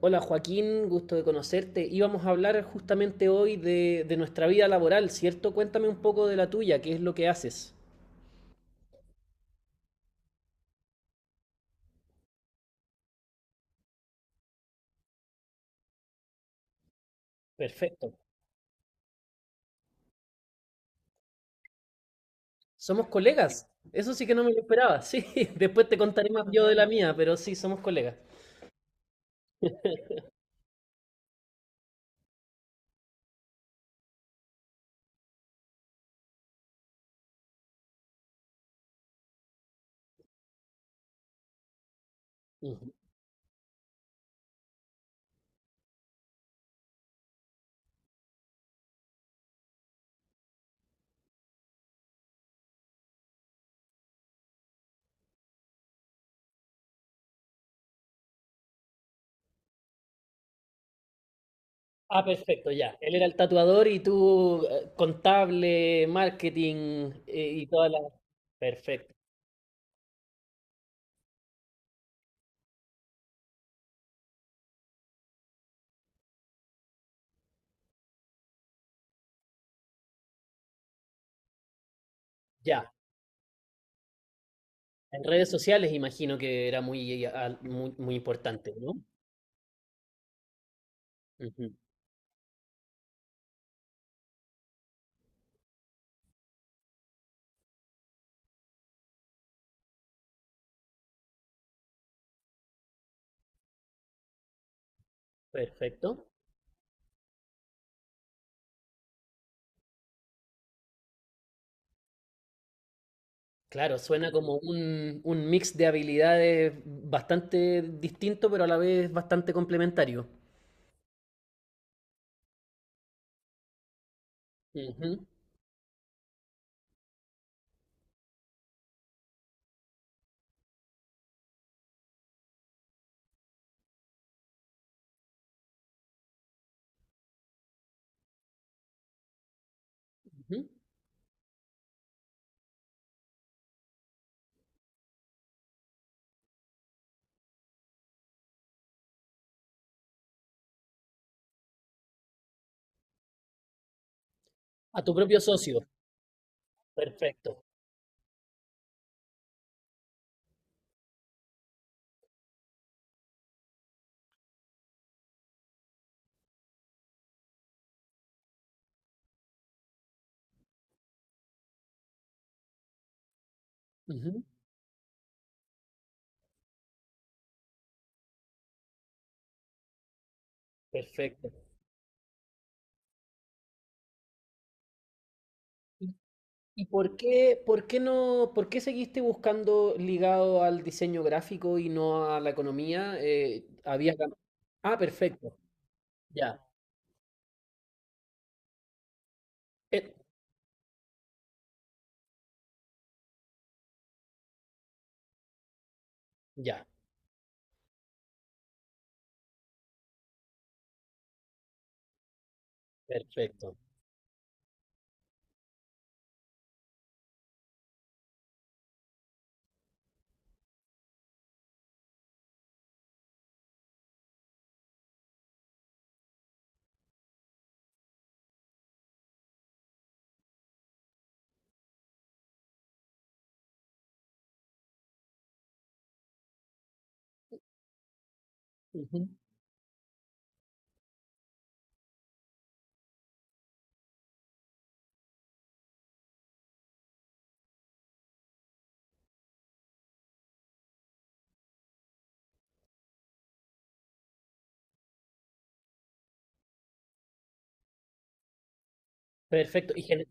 Hola Joaquín, gusto de conocerte. Íbamos a hablar justamente hoy de nuestra vida laboral, ¿cierto? Cuéntame un poco de la tuya, ¿qué es lo que haces? Perfecto. Somos colegas, eso sí que no me lo esperaba, sí. Después te contaré más yo de la mía, pero sí, somos colegas. Ujú. Ah, perfecto, ya. Él era el tatuador y tú contable, marketing y toda la... Perfecto. Ya. En redes sociales imagino que era muy importante, ¿no? Ujú. Perfecto. Claro, suena como un mix de habilidades bastante distinto, pero a la vez bastante complementario. Ujú, ujú. A tu propio socio. Perfecto. Ujú, perfecto. ¿Y, y por qué no, por qué seguiste buscando ligado al diseño gráfico y no a la economía? Ah, perfecto. Ya. Eh, ya. Perfecto. Ujú, perfecto.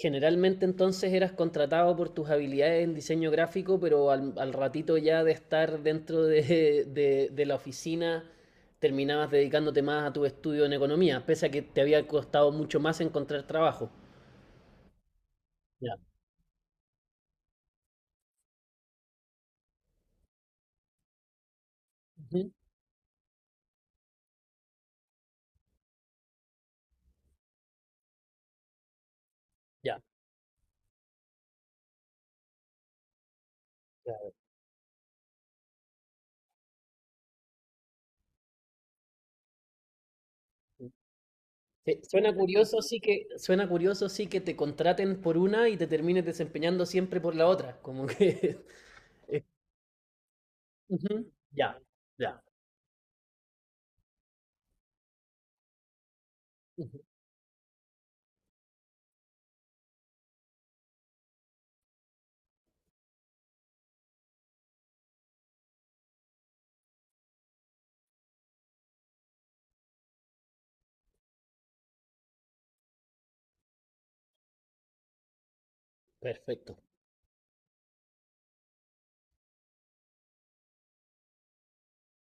Generalmente entonces eras contratado por tus habilidades en diseño gráfico, pero al ratito ya de estar dentro de la oficina terminabas dedicándote más a tu estudio en economía, pese a que te había costado mucho más encontrar trabajo. Ya. Ujú. Ya, claro. Sí, suena curioso, sí que te contraten por una y te termines desempeñando siempre por la otra. Como que. eh, ujú, ya, ya. Ujú, perfecto.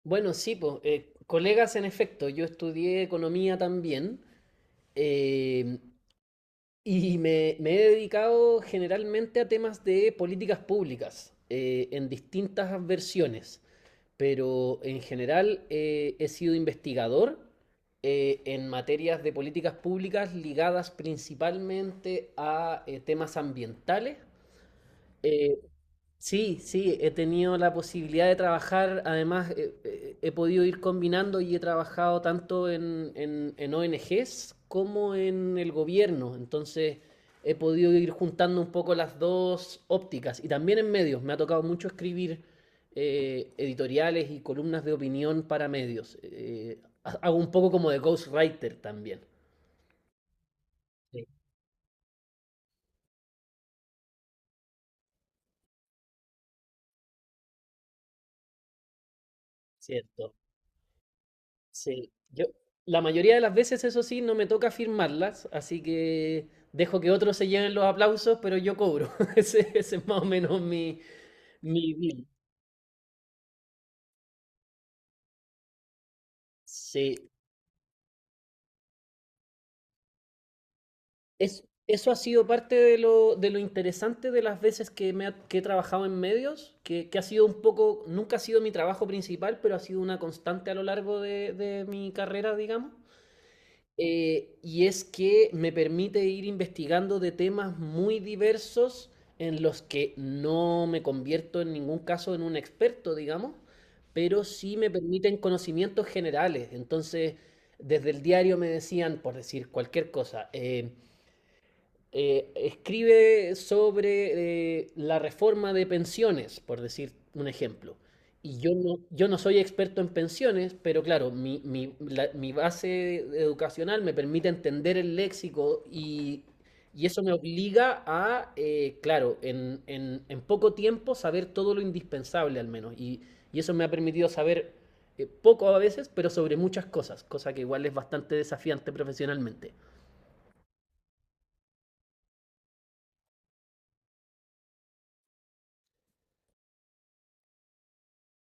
Bueno, sí, pues, colegas en efecto, yo estudié economía también eh, y me he dedicado generalmente a temas de políticas públicas en distintas versiones, pero en general he sido investigador en materias de políticas públicas ligadas principalmente a temas ambientales. eh, Sí, sí, he tenido la posibilidad de trabajar, además he podido ir combinando y he trabajado tanto en ONGs como en el gobierno, entonces he podido ir juntando un poco las dos ópticas y también en medios, me ha tocado mucho escribir editoriales y columnas de opinión para medios, hago un poco como de ghostwriter también. Sí, cierto. Sí, yo la mayoría de las veces, eso sí, no me toca firmarlas, así que dejo que otros se lleven los aplausos, pero yo cobro. Ese es más o menos mi, mi bill. Sí, es, eso ha sido parte de lo interesante de las veces que, que he trabajado en medios, que ha sido un poco, nunca ha sido mi trabajo principal, pero ha sido una constante a lo largo de mi carrera, digamos. Y es que me permite ir investigando de temas muy diversos en los que no me convierto en ningún caso en un experto, digamos, pero sí me permiten conocimientos generales. Entonces, desde el diario me decían, por decir cualquier cosa, escribe sobre la reforma de pensiones, por decir un ejemplo. Y yo no, yo no soy experto en pensiones, pero claro, mi base educacional me permite entender el léxico y eso me obliga a, claro, en poco tiempo saber todo lo indispensable al menos. Y eso me ha permitido saber poco a veces, pero sobre muchas cosas, cosa que igual es bastante desafiante profesionalmente.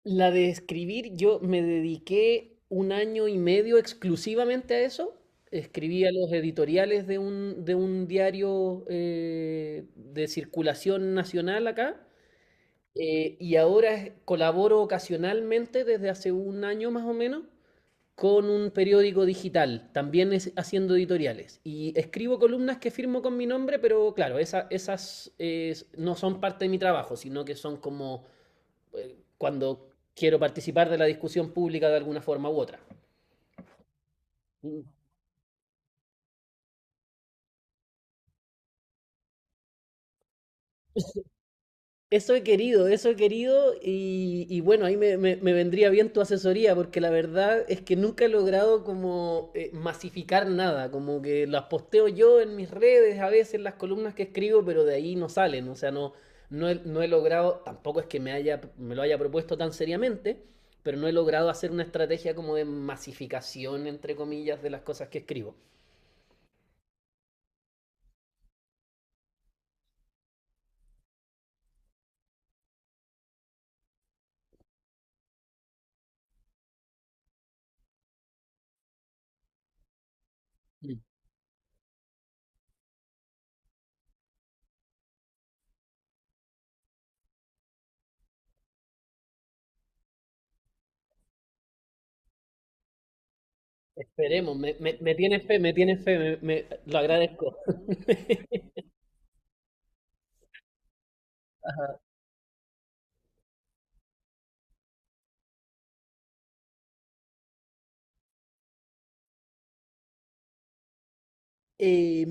La de escribir, yo me dediqué un año y medio exclusivamente a eso. Escribía los editoriales de un diario de circulación nacional acá. Y ahora colaboro ocasionalmente desde hace un año más o menos con un periódico digital, también haciendo editoriales. Y escribo columnas que firmo con mi nombre, pero claro, esas no son parte de mi trabajo, sino que son como cuando quiero participar de la discusión pública de alguna forma u otra. Eso he querido y bueno, ahí me vendría bien tu asesoría porque la verdad es que nunca he logrado como masificar nada, como que las posteo yo en mis redes, a veces en las columnas que escribo, pero de ahí no salen, o sea, no, no he logrado, tampoco es que me haya, me lo haya propuesto tan seriamente, pero no he logrado hacer una estrategia como de masificación, entre comillas, de las cosas que escribo. Mm. Esperemos, me tiene fe, lo agradezco. Ajá. Eh,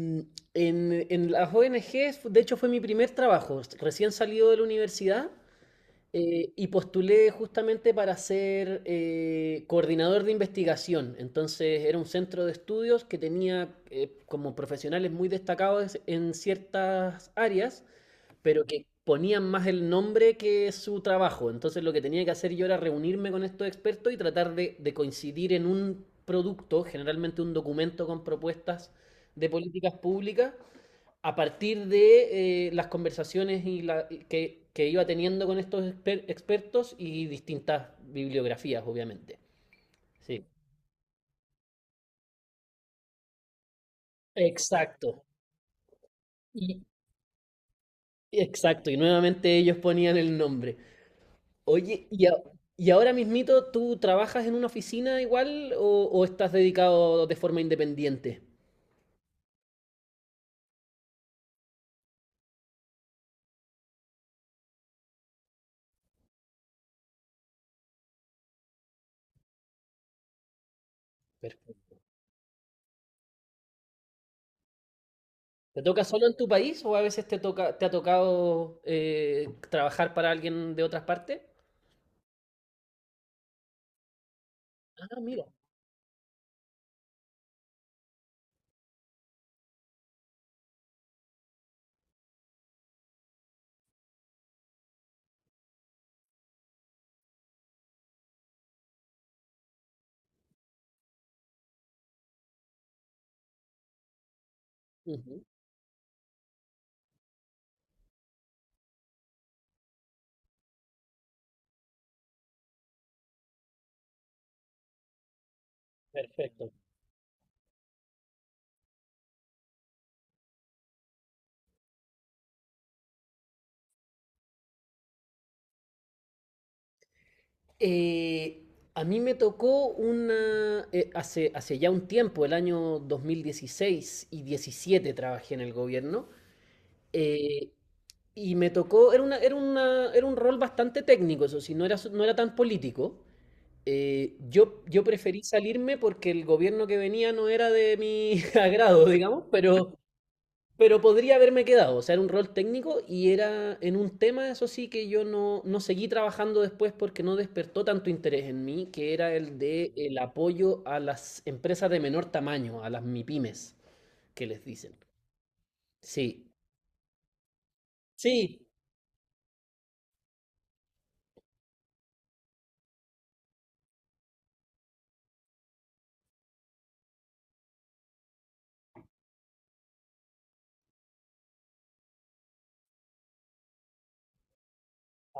en, en las ONGs, de hecho, fue mi primer trabajo. Recién salido de la universidad y postulé justamente para ser coordinador de investigación. Entonces, era un centro de estudios que tenía como profesionales muy destacados en ciertas áreas, pero que ponían más el nombre que su trabajo. Entonces lo que tenía que hacer yo era reunirme con estos expertos y tratar de coincidir en un producto, generalmente un documento con propuestas de políticas públicas, a partir de las conversaciones que iba teniendo con estos expertos y distintas bibliografías, obviamente. Sí. Exacto. Y, exacto. Y nuevamente ellos ponían el nombre. Oye, ¿y, y ahora mismito tú trabajas en una oficina igual o estás dedicado de forma independiente? Perfecto. ¿Te toca solo en tu país o a veces te toca, te ha tocado trabajar para alguien de otras partes? Ah, mira. Ujú, perfecto. Eh, a mí me tocó una, hace, hace ya un tiempo, el año 2016 y 17 trabajé en el gobierno. Eh, Y me tocó, era un rol bastante técnico, eso sí, no era tan político. Yo preferí salirme porque el gobierno que venía no era de mi agrado, digamos, pero podría haberme quedado. O sea, era un rol técnico y era en un tema, eso sí, que yo no, no seguí trabajando después porque no despertó tanto interés en mí, que era el de el apoyo a las empresas de menor tamaño, a las mipymes que les dicen. Sí, sí,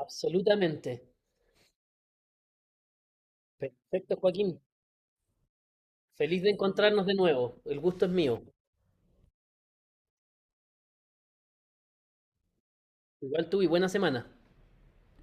absolutamente. Perfecto, Joaquín. Feliz de encontrarnos de nuevo. El gusto es mío. Igual tú y buena semana.